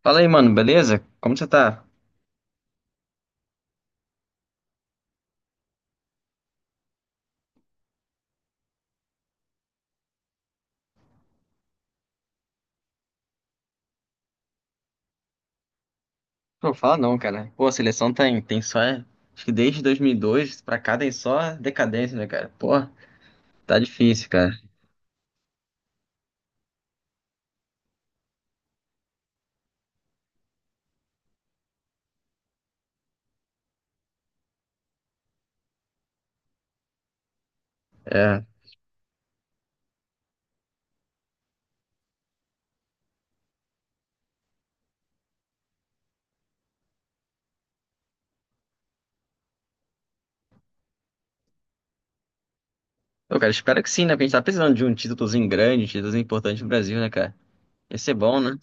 Fala aí, mano, beleza? Como você tá? Não fala não, cara. Pô, a seleção tem só. Acho que desde 2002 pra cá tem só decadência, né, cara? Pô, tá difícil, cara. É. Pô, cara, espero que sim, né? Porque a gente tá precisando de um títulozinho grande, um títulozinho importante no Brasil, né, cara? Ia ser bom, né?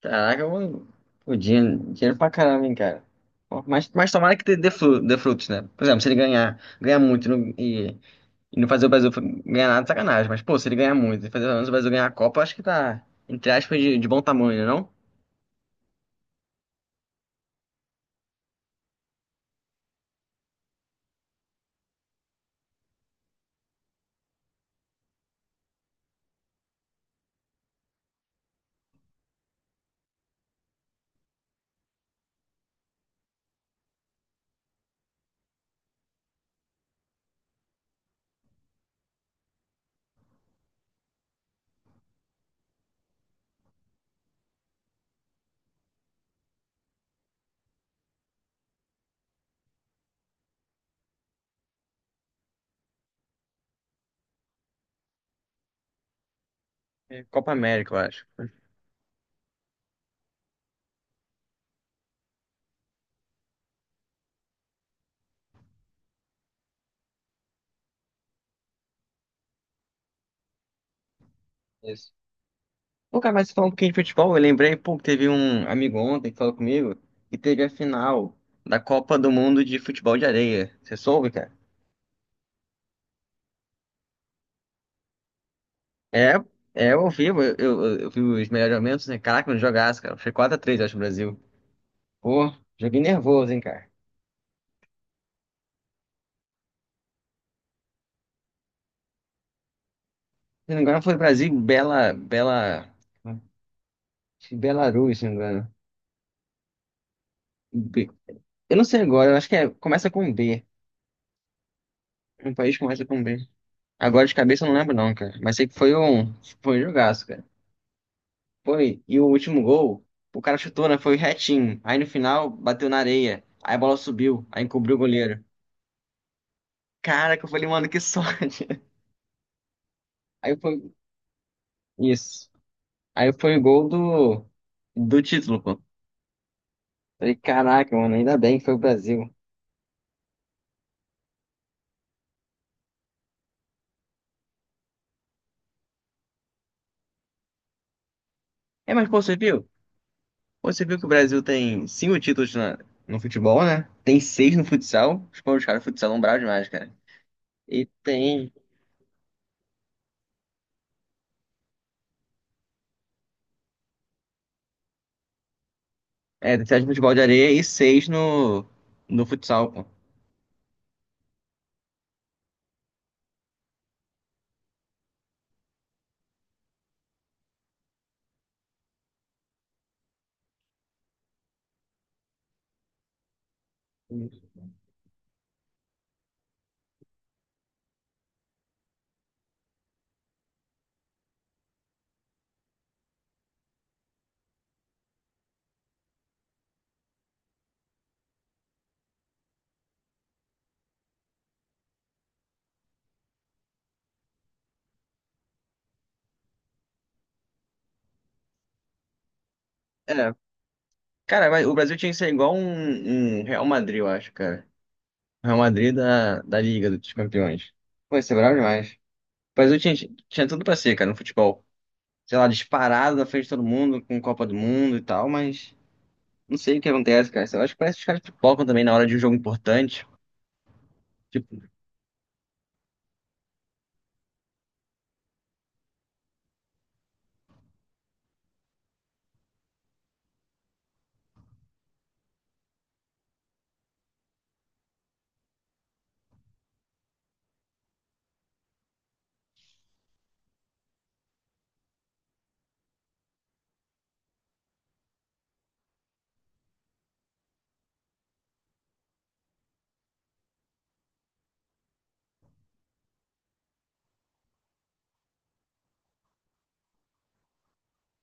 Caraca, mano. Pô, dinheiro pra caramba, hein, cara. Pô, mas tomara que dê frutos, né? Por exemplo, se ele ganhar muito e não fazer o Brasil ganhar nada, é sacanagem. Mas, pô, se ele ganhar muito e fazer pelo menos o Brasil ganhar a Copa, eu acho que tá, entre aspas, de bom tamanho, né, não? É Copa América, eu acho. Isso. Pô, cara, mas falando um pouquinho de futebol, eu lembrei, pô, que teve um amigo ontem que falou comigo que teve a final da Copa do Mundo de Futebol de Areia. Você soube, cara? É, é, eu vi os melhores momentos, né? Caraca, não jogasse, cara. Foi 4 a 3 eu acho, o Brasil. Pô, joguei nervoso, hein, cara. Se não me engano, foi Brasil, e Belarus, se não me engano. Eu não sei agora, eu acho que é, começa com B. Um país começa com B. Agora de cabeça eu não lembro não, cara. Mas sei que foi um jogaço, cara. Foi, e o último gol, o cara chutou, né? Foi retinho. Aí no final, bateu na areia. Aí a bola subiu, aí encobriu o goleiro. Cara, que eu falei, mano, que sorte. Aí foi, isso. Aí foi o gol do, do título, pô. Falei, caraca, mano, ainda bem que foi o Brasil. É, mas pô, você viu? Você viu que o Brasil tem cinco no futebol, né? Tem seis no futsal. Os pô, os caras futsal são bravos demais, cara. E tem, Tem sete no futebol de areia e seis no, no futsal, pô. É, cara, mas o Brasil tinha que ser igual um Real Madrid, eu acho, cara. Real Madrid da, da Liga dos Campeões. Pô, isso é bravo demais. O Brasil tinha, tinha tudo pra ser, cara, no futebol. Sei lá, disparado na frente de todo mundo, com Copa do Mundo e tal, mas não sei o que acontece, cara. Eu acho que parece que os caras pipocam também na hora de um jogo importante. Tipo,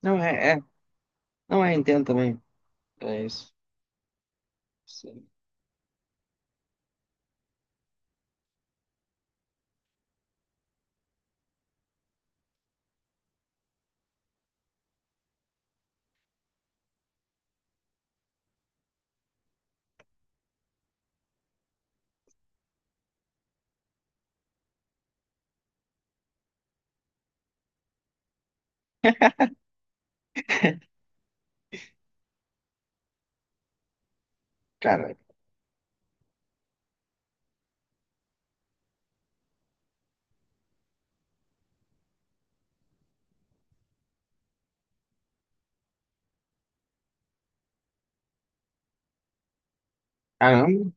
não, é, é. Não é, entendo também. É isso. Sim. Cara, caramba.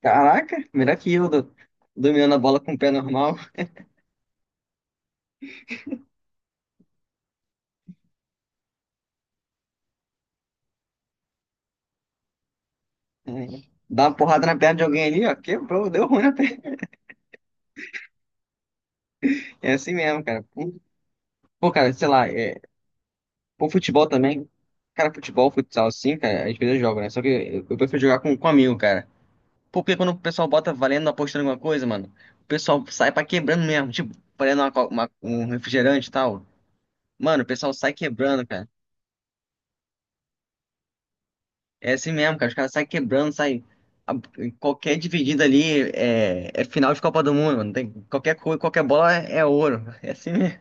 Caraca, melhor que eu, dominando a bola com o pé normal. É. Dá uma porrada na perna de alguém ali, ó. Quebrou, deu ruim na perna. É assim mesmo, cara. Pô, cara, sei lá, é... Pô, futebol também. Cara, futebol, futsal, assim, cara, às vezes eu jogo, né? Só que eu prefiro jogar com amigo, cara. Pô, porque quando o pessoal bota valendo, apostando alguma coisa, mano, o pessoal sai pra quebrando mesmo. Tipo, valendo um refrigerante e tal. Mano, o pessoal sai quebrando, cara. É assim mesmo, cara. Os caras saem quebrando, saem. a- Qualquer dividida ali é, é final de Copa do Mundo, mano. Tem, qualquer coisa, qualquer bola é, é ouro. É assim mesmo.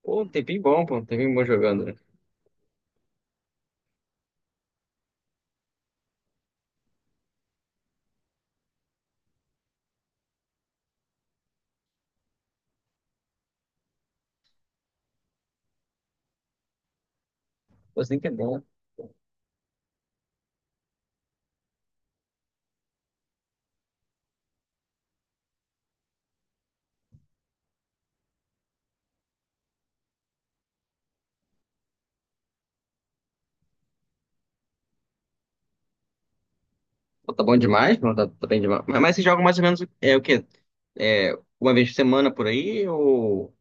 Pô, um tempinho bom, pô. Um tempinho bom jogando, né? Pô, assim que é bom. Pô, tá bom demais, mano. Tá, tá bem demais. Mas você joga mais ou menos é, o quê? É, uma vez por semana por aí ou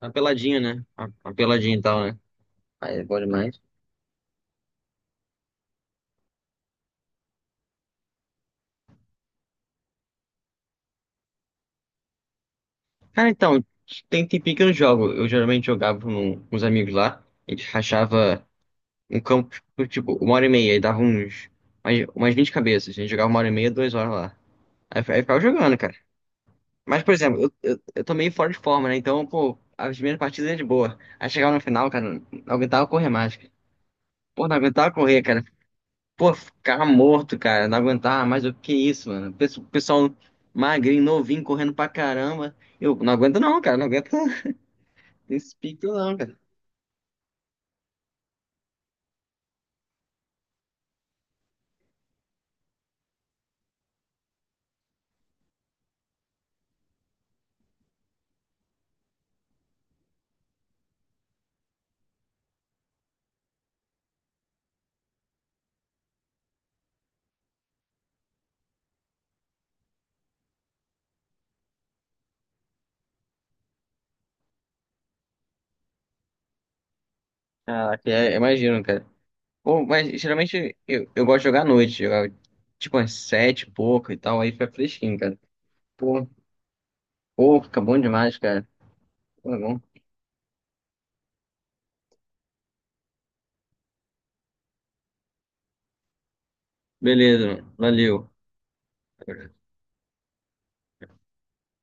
uma peladinha, né? Uma peladinha e tal, né? Aí é bom demais. Cara, então, tem tempinho que eu não jogo. Eu geralmente jogava com os amigos lá. A gente rachava. Um campo, tipo, uma hora e meia, e dava umas 20 cabeças. A gente jogava uma hora e meia, duas horas lá. Aí ficava jogando, cara. Mas, por exemplo, eu tô meio fora de forma, né? Então, pô, as primeiras partidas é de boa. Aí chegava no final, cara, não aguentava correr mais, cara. Pô, não aguentava correr, cara. Pô, ficava morto, cara. Não aguentava mais. O que isso, mano? Pessoal magrinho, novinho, correndo pra caramba. Eu não aguento não, cara. Não aguento esse pique não, cara. Caraca, é, imagino, cara. Pô, mas geralmente eu gosto de jogar à noite, jogar tipo às sete e pouco e tal, aí fica fresquinho, cara. Pô, Pô, fica bom demais, cara. Pô, é bom. Beleza, mano. Valeu.